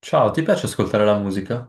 Ciao, ti piace ascoltare la musica?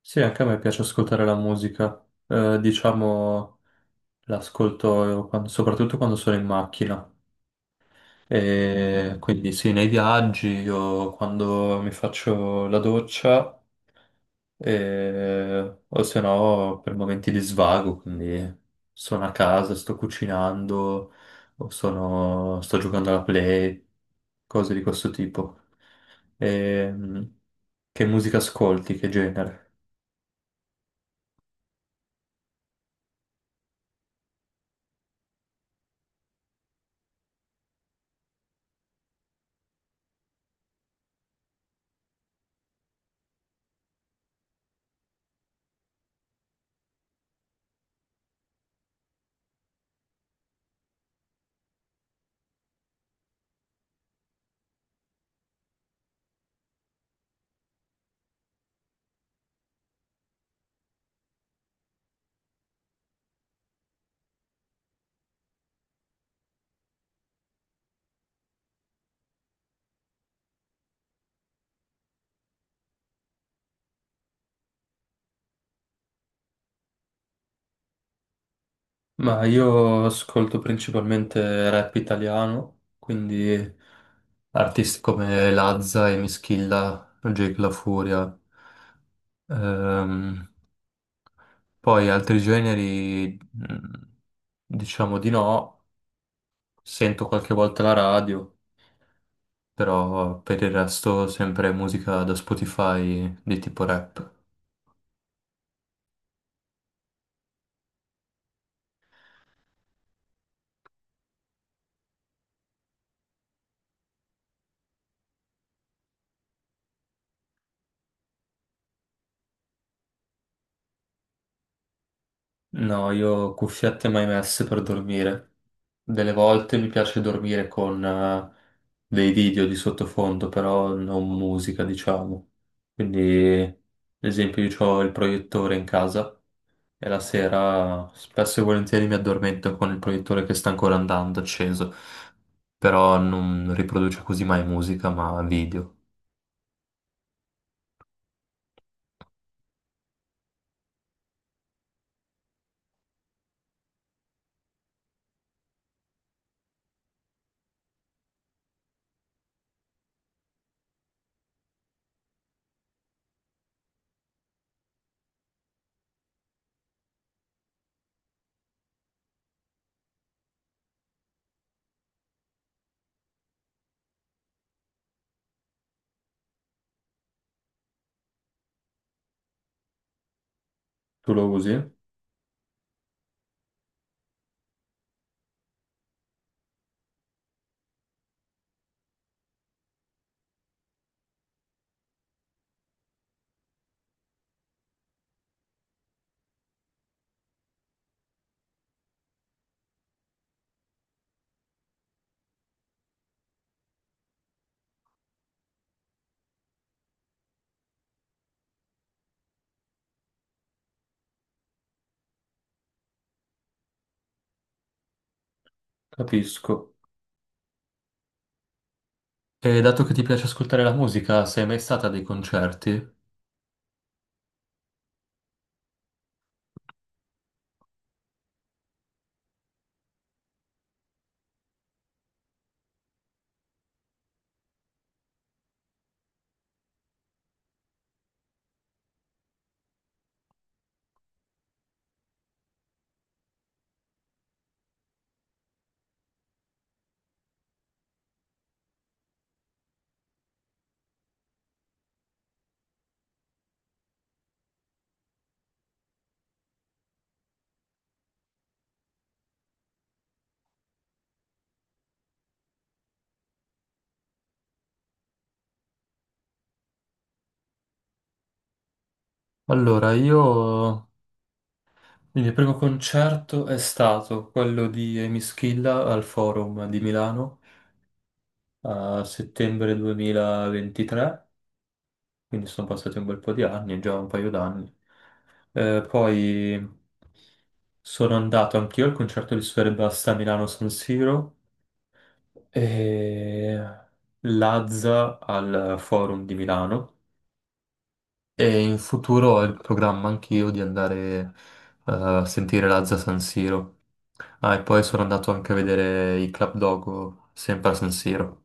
Sì, anche a me piace ascoltare la musica. Diciamo, l'ascolto soprattutto quando sono in macchina. E quindi sì, nei viaggi o quando mi faccio la doccia o se no per momenti di svago, quindi sono a casa, sto cucinando o sto giocando alla play, cose di questo tipo. Ehm, che musica ascolti, che genere? Ma io ascolto principalmente rap italiano, quindi artisti come Lazza e Mischilla, Jake La Furia. Ehm, Poi altri generi, diciamo di no, sento qualche volta la radio, però per il resto sempre musica da Spotify di tipo rap. No, io cuffiette mai messe per dormire. Delle volte mi piace dormire con dei video di sottofondo, però non musica, diciamo. Quindi, ad esempio, io ho il proiettore in casa e la sera spesso e volentieri mi addormento con il proiettore che sta ancora andando acceso, però non riproduce così mai musica, ma video. Tu lo usi? Capisco. E dato che ti piace ascoltare la musica, sei mai stata a dei concerti? Allora, io quindi il primo concerto è stato quello di Amy Schilla al Forum di Milano a settembre 2023, quindi sono passati un bel po' di anni, già un paio d'anni. Poi sono andato anch'io al concerto di Sfera Ebbasta a Milano San Siro e Lazza al Forum di Milano e in futuro ho il programma anch'io di andare a sentire Lazza San Siro. Ah, e poi sono andato anche a vedere i Club Dogo, sempre a San Siro.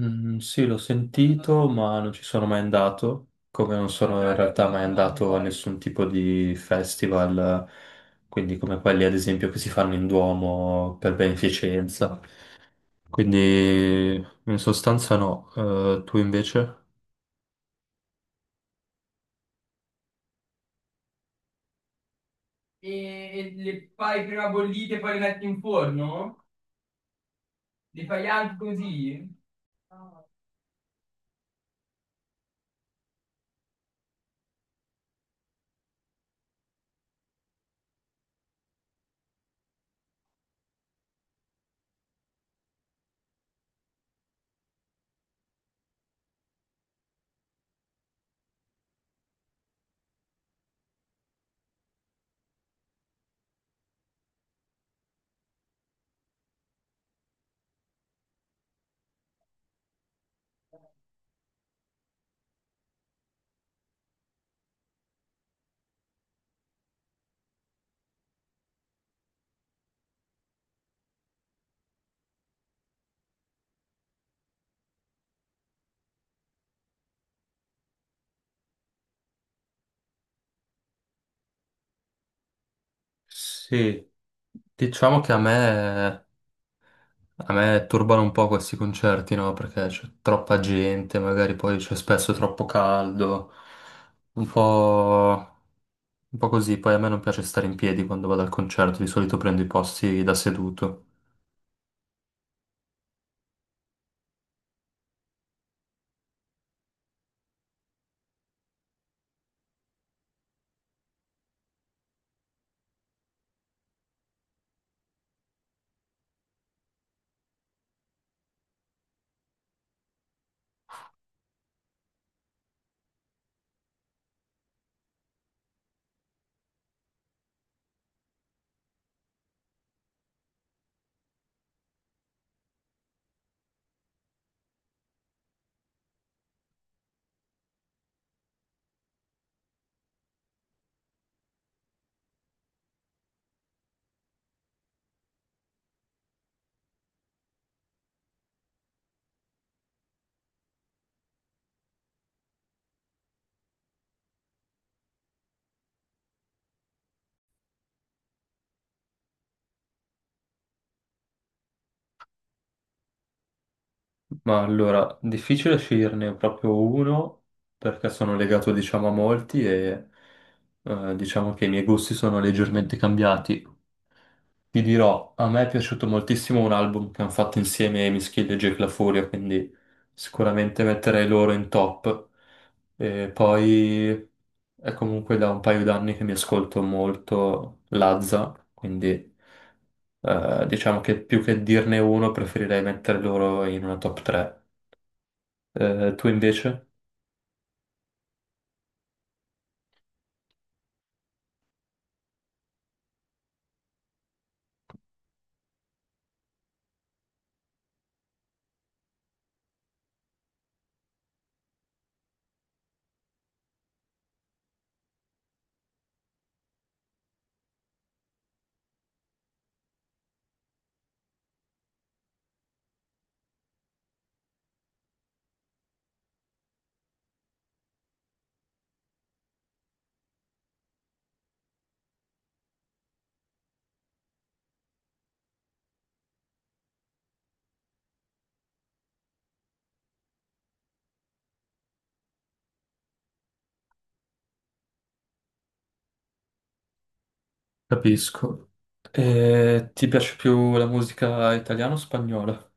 Mm, sì, l'ho sentito, ma non ci sono mai andato, come non sono in realtà mai andato a nessun tipo di festival, quindi come quelli ad esempio che si fanno in Duomo per beneficenza. Quindi in sostanza no. Tu invece? E le fai prima bollite e poi le metti in forno? Le fai anche così? Sì, diciamo che a me turbano un po' questi concerti, no? Perché c'è troppa gente, magari poi c'è spesso troppo caldo, un po', un po' così. Poi a me non piace stare in piedi quando vado al concerto, di solito prendo i posti da seduto. Ma allora, difficile sceglierne proprio uno, perché sono legato, diciamo, a molti e diciamo che i miei gusti sono leggermente cambiati. Ti dirò, a me è piaciuto moltissimo un album che hanno fatto insieme Emischid e Jake La Furia, quindi sicuramente metterei loro in top. E poi è comunque da un paio d'anni che mi ascolto molto Lazza, quindi diciamo che più che dirne uno preferirei mettere loro in una top 3. Tu invece? Capisco. E ti piace più la musica italiana o spagnola?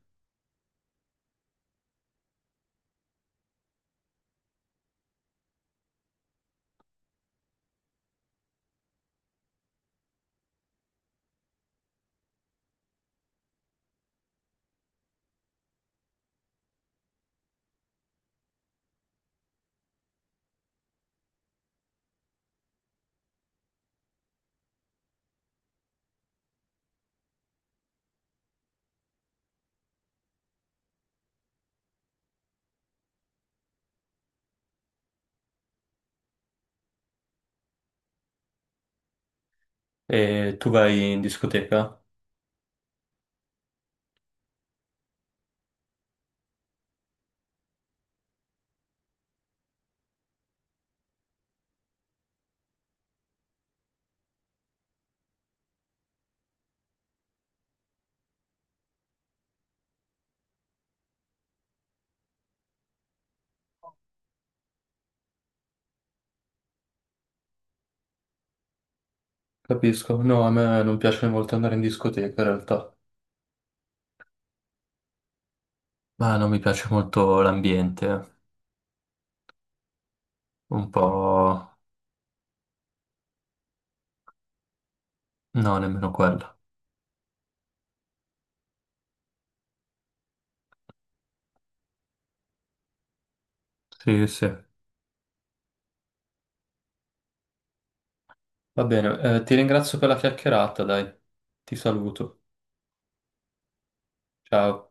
E tu vai in discoteca? Capisco, no, a me non piace molto andare in discoteca in realtà, ma non mi piace molto l'ambiente, un po'... No, nemmeno quello. Sì, sì. Va bene, ti ringrazio per la chiacchierata, dai. Ti saluto. Ciao.